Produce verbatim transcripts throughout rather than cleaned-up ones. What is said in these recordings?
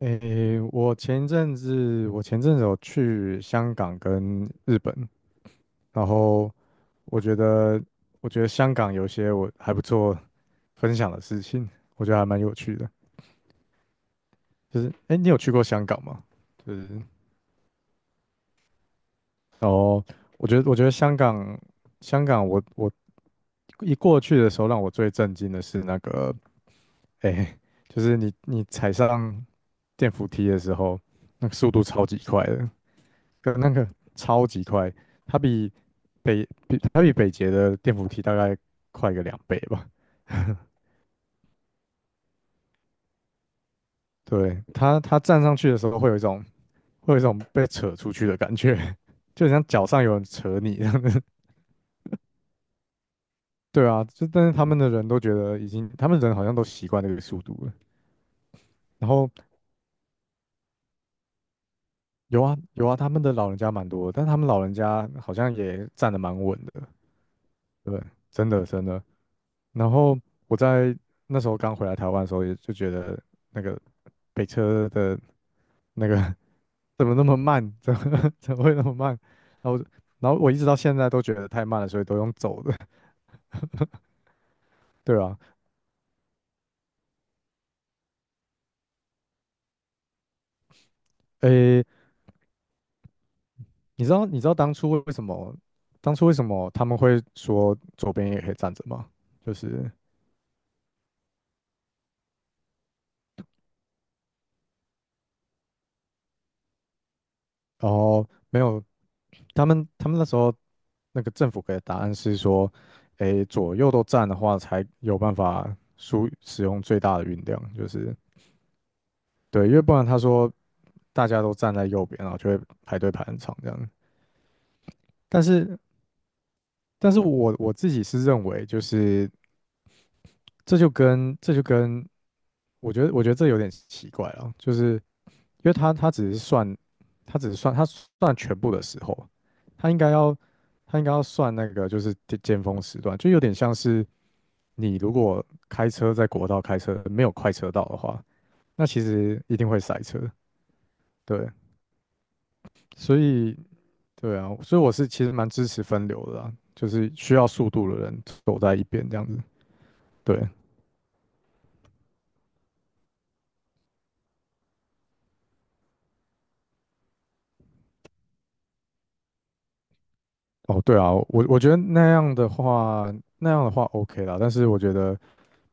诶，我前阵子我前阵子有去香港跟日本，然后我觉得我觉得香港有些我还不错分享的事情，我觉得还蛮有趣的。就是诶，你有去过香港吗？就是哦，我觉得我觉得香港香港我我一过去的时候，让我最震惊的是那个诶，就是你你踩上电扶梯的时候，那个速度超级快的，跟那个超级快。它比北比它比北捷的电扶梯大概快个两倍吧。对，它它站上去的时候会有一种会有一种被扯出去的感觉，就很像脚上有人扯你一样的。对啊，就但是他们的人都觉得已经，他们人好像都习惯这个速度了。然后有啊有啊，他们的老人家蛮多的，但他们老人家好像也站得蛮稳的。对，真的真的。然后我在那时候刚回来台湾的时候，也就觉得那个北车的那个怎么那么慢？怎么怎么会那么慢？然后我就然后我一直到现在都觉得太慢了，所以都用走的，对啊。诶，你知道你知道当初为什么当初为什么他们会说左边也可以站着吗？就是然后没有他们他们那时候那个政府给的答案是说，诶，左右都站的话才有办法输使用最大的运量，就是对，因为不然他说大家都站在右边，然后就会排队排很长这样。但是但是我我自己是认为，就是这就跟这就跟，我觉得我觉得这有点奇怪啊，就是因为他他只是算，他只是算他算全部的时候，他应该要他应该要算那个就是尖尖峰时段，就有点像是你如果开车在国道开车没有快车道的话，那其实一定会塞车，对，所以对啊，所以我是其实蛮支持分流的啦，就是需要速度的人走在一边这样子，对。哦，对啊，我我觉得那样的话，那样的话 OK 啦。但是我觉得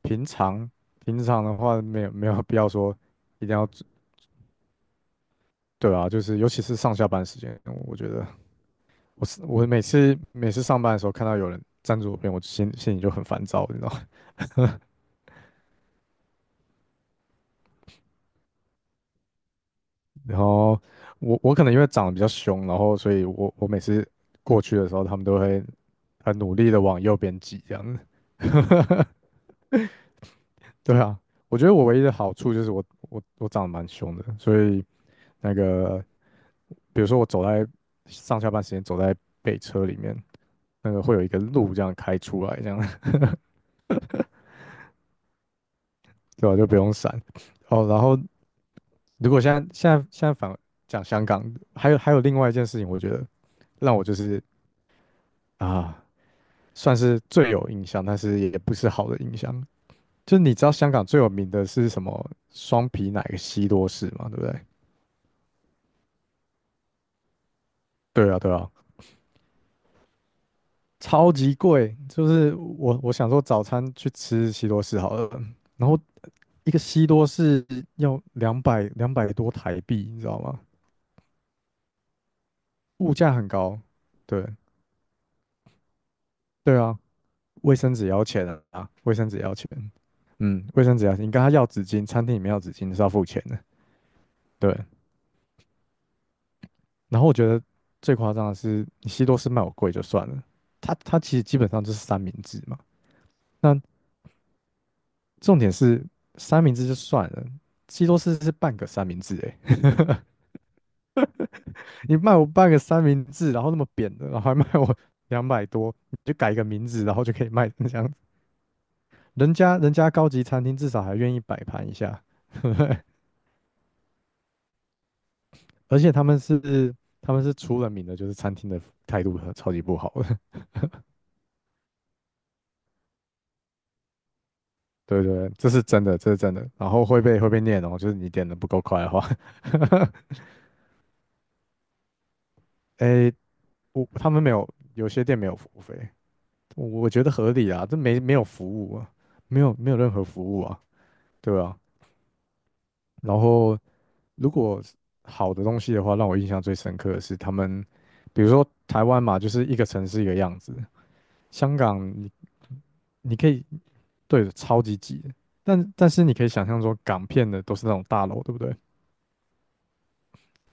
平常平常的话，没有没有必要说一定要做对啊，就是尤其是上下班时间，我觉得我是我每次每次上班的时候看到有人站左边，我就心心里就很烦躁，你知道吗？ 然后我我可能因为长得比较凶，然后所以我我每次过去的时候，他们都会很努力的往右边挤这样子。对啊，我觉得我唯一的好处就是我我我长得蛮凶的，所以那个比如说我走在上下班时间走在北车里面，那个会有一个路这样开出来，这样 对吧，就不用闪。哦，然后如果现在现在现在反讲香港，还有还有另外一件事情，我觉得让我就是啊，算是最有印象，但是也不是好的印象。就是你知道香港最有名的是什么双皮奶西多士嘛，对不对？对啊，对啊。超级贵，就是我我想说早餐去吃西多士好了，然后一个西多士要两百两百多台币，你知道吗？物价很高，对对啊，卫生纸也要钱啊，卫生纸也要钱，嗯，卫生纸要钱，你跟他要纸巾，餐厅里面要纸巾是要付钱的，对。然后我觉得最夸张的是，你西多士卖我贵就算了，它它其实基本上就是三明治嘛，那重点是三明治就算了，西多士是半个三明治诶，你卖我半个三明治，然后那么扁的，然后还卖我 两百多，你就改个名字，然后就可以卖成这样子。人家人家高级餐厅至少还愿意摆盘一下，对不对？而且他们是他们是出了名的，就是餐厅的态度很超级不好的。对对对，这是真的，这是真的。然后会被会被念哦，就是你点的不够快的话，诶，我他们没有，有些店没有服务费，我我觉得合理啊，这没没有服务啊，没有没有任何服务啊，对啊。然后如果好的东西的话，让我印象最深刻的是他们，比如说台湾嘛，就是一个城市一个样子，香港你你可以对超级挤的但但是你可以想象说港片的都是那种大楼，对不对？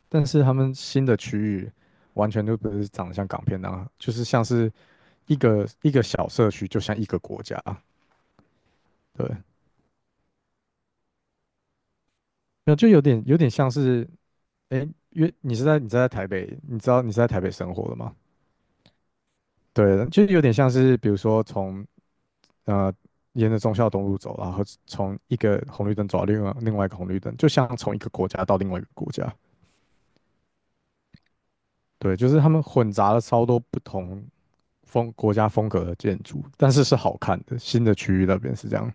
但是他们新的区域完全就不是长得像港片那样，就是像是一个一个小社区，就像一个国家，对，那就有点有点像是，哎，因为你是在你是在台北，你知道你是在台北生活的吗？对，就有点像是，比如说从呃，沿着忠孝东路走，然后从一个红绿灯走到另外另外一个红绿灯，就像从一个国家到另外一个国家。对，就是他们混杂了超多不同风国家风格的建筑，但是是好看的。新的区域那边是这样，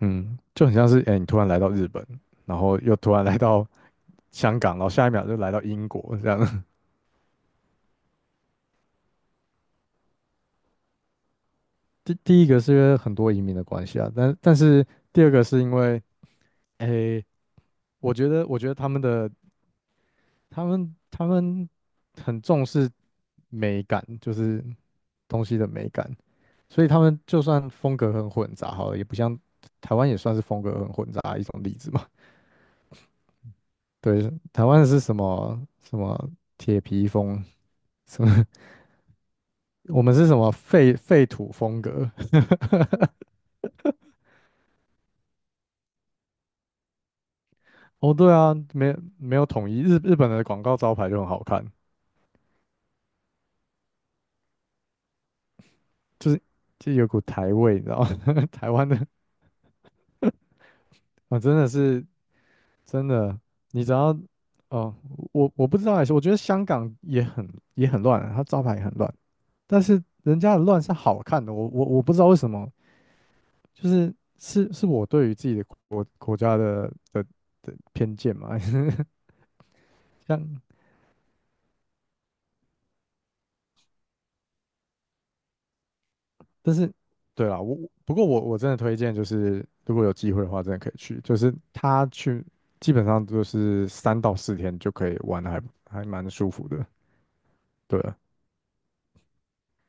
嗯，就很像是哎、诶你突然来到日本，然后又突然来到香港，然后下一秒就来到英国这样。第第一个是因为很多移民的关系啊，但但是第二个是因为哎、诶我觉得，我觉得他们的他们他们很重视美感，就是东西的美感，所以他们就算风格很混杂，好了，也不像台湾也算是风格很混杂的一种例子嘛。对，台湾是什么什么铁皮风，什么 我们是什么废废土风格？哦，对啊，没没有统一，日日本的广告招牌就很好看，就是就有股台味，你知道吗？台湾的啊，真的是。真的，你只要哦，我我不知道还是我觉得香港也很也很乱啊它招牌也很乱，但是人家的乱是好看的，我我我不知道为什么，就是是是我对于自己的国国家的的的偏见嘛，像但是对啦，我我不过我我真的推荐就是如果有机会的话，真的可以去，就是他去基本上就是三到四天就可以玩的还还蛮舒服的，对啊。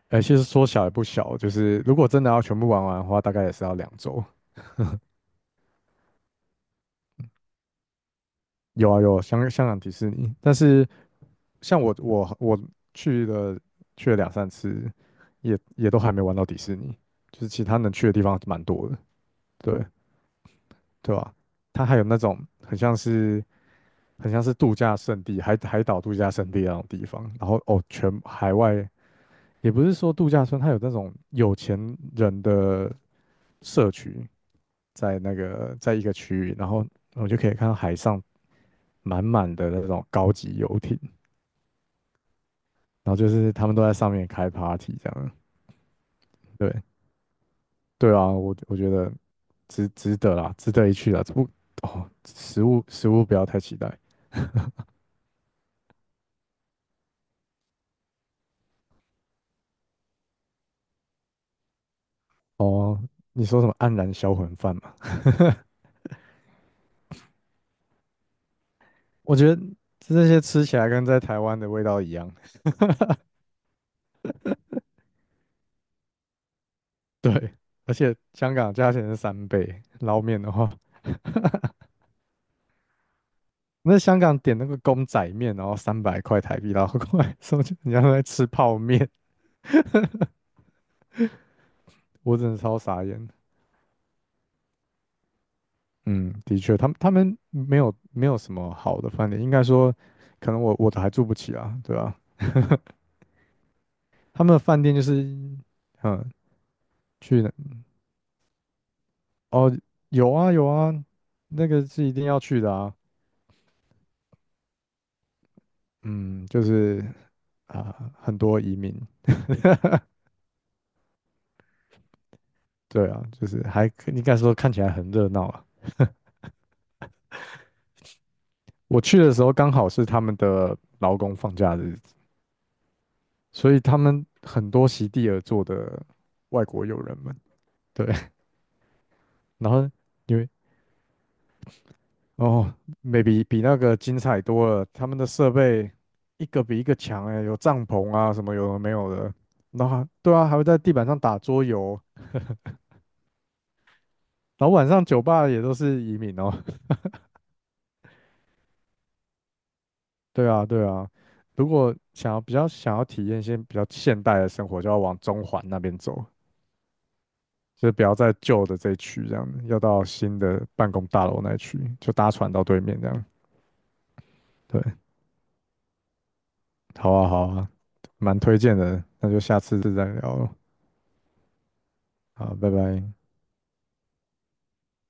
哎，其实说小也不小，就是如果真的要全部玩完的话，大概也是要两周。有啊有，香香港迪士尼，但是像我我我去了去了两三次，也也都还没玩到迪士尼，就是其他能去的地方蛮多的，对，对吧，它还有那种很像是很像是度假胜地，海海岛度假胜地那种地方，然后哦，全海外也不是说度假村，它有那种有钱人的社区，在那个在一个区域，然后我就可以看到海上满满的那种高级游艇，然后就是他们都在上面开 party 这样。对对啊，我我觉得值值得啦，值得一去啦。这不哦，食物食物不要太期待哦。你说什么黯然销魂饭嘛？我觉得这些吃起来跟在台湾的味道一样。对，而且香港价钱是三倍，捞面的话，那香港点那个公仔面，然后三百块台币，然后过来说就人家都在吃泡面，我真的超傻眼的。嗯，的确，他们他们没有没有什么好的饭店，应该说，可能我我都还住不起啊，对吧，他们的饭店就是，嗯，去哪哦，有啊有啊，那个是一定要去的啊。嗯，就是啊，很多移民，对啊，就是还可应该说看起来很热闹啊。我去的时候刚好是他们的劳工放假日，所以他们很多席地而坐的外国友人们，对，然后因为哦，maybe 比那个精彩多了，他们的设备一个比一个强哎，有帐篷啊什么有的没有的，然后还对啊，还会在地板上打桌游，然后晚上酒吧也都是移民哦，对啊对啊，如果想要比较想要体验一些比较现代的生活，就要往中环那边走。就是不要在旧的这一区这样要到新的办公大楼那一区，就搭船到对面这样。对，好啊，好啊，蛮推荐的，那就下次再聊了，好，拜拜。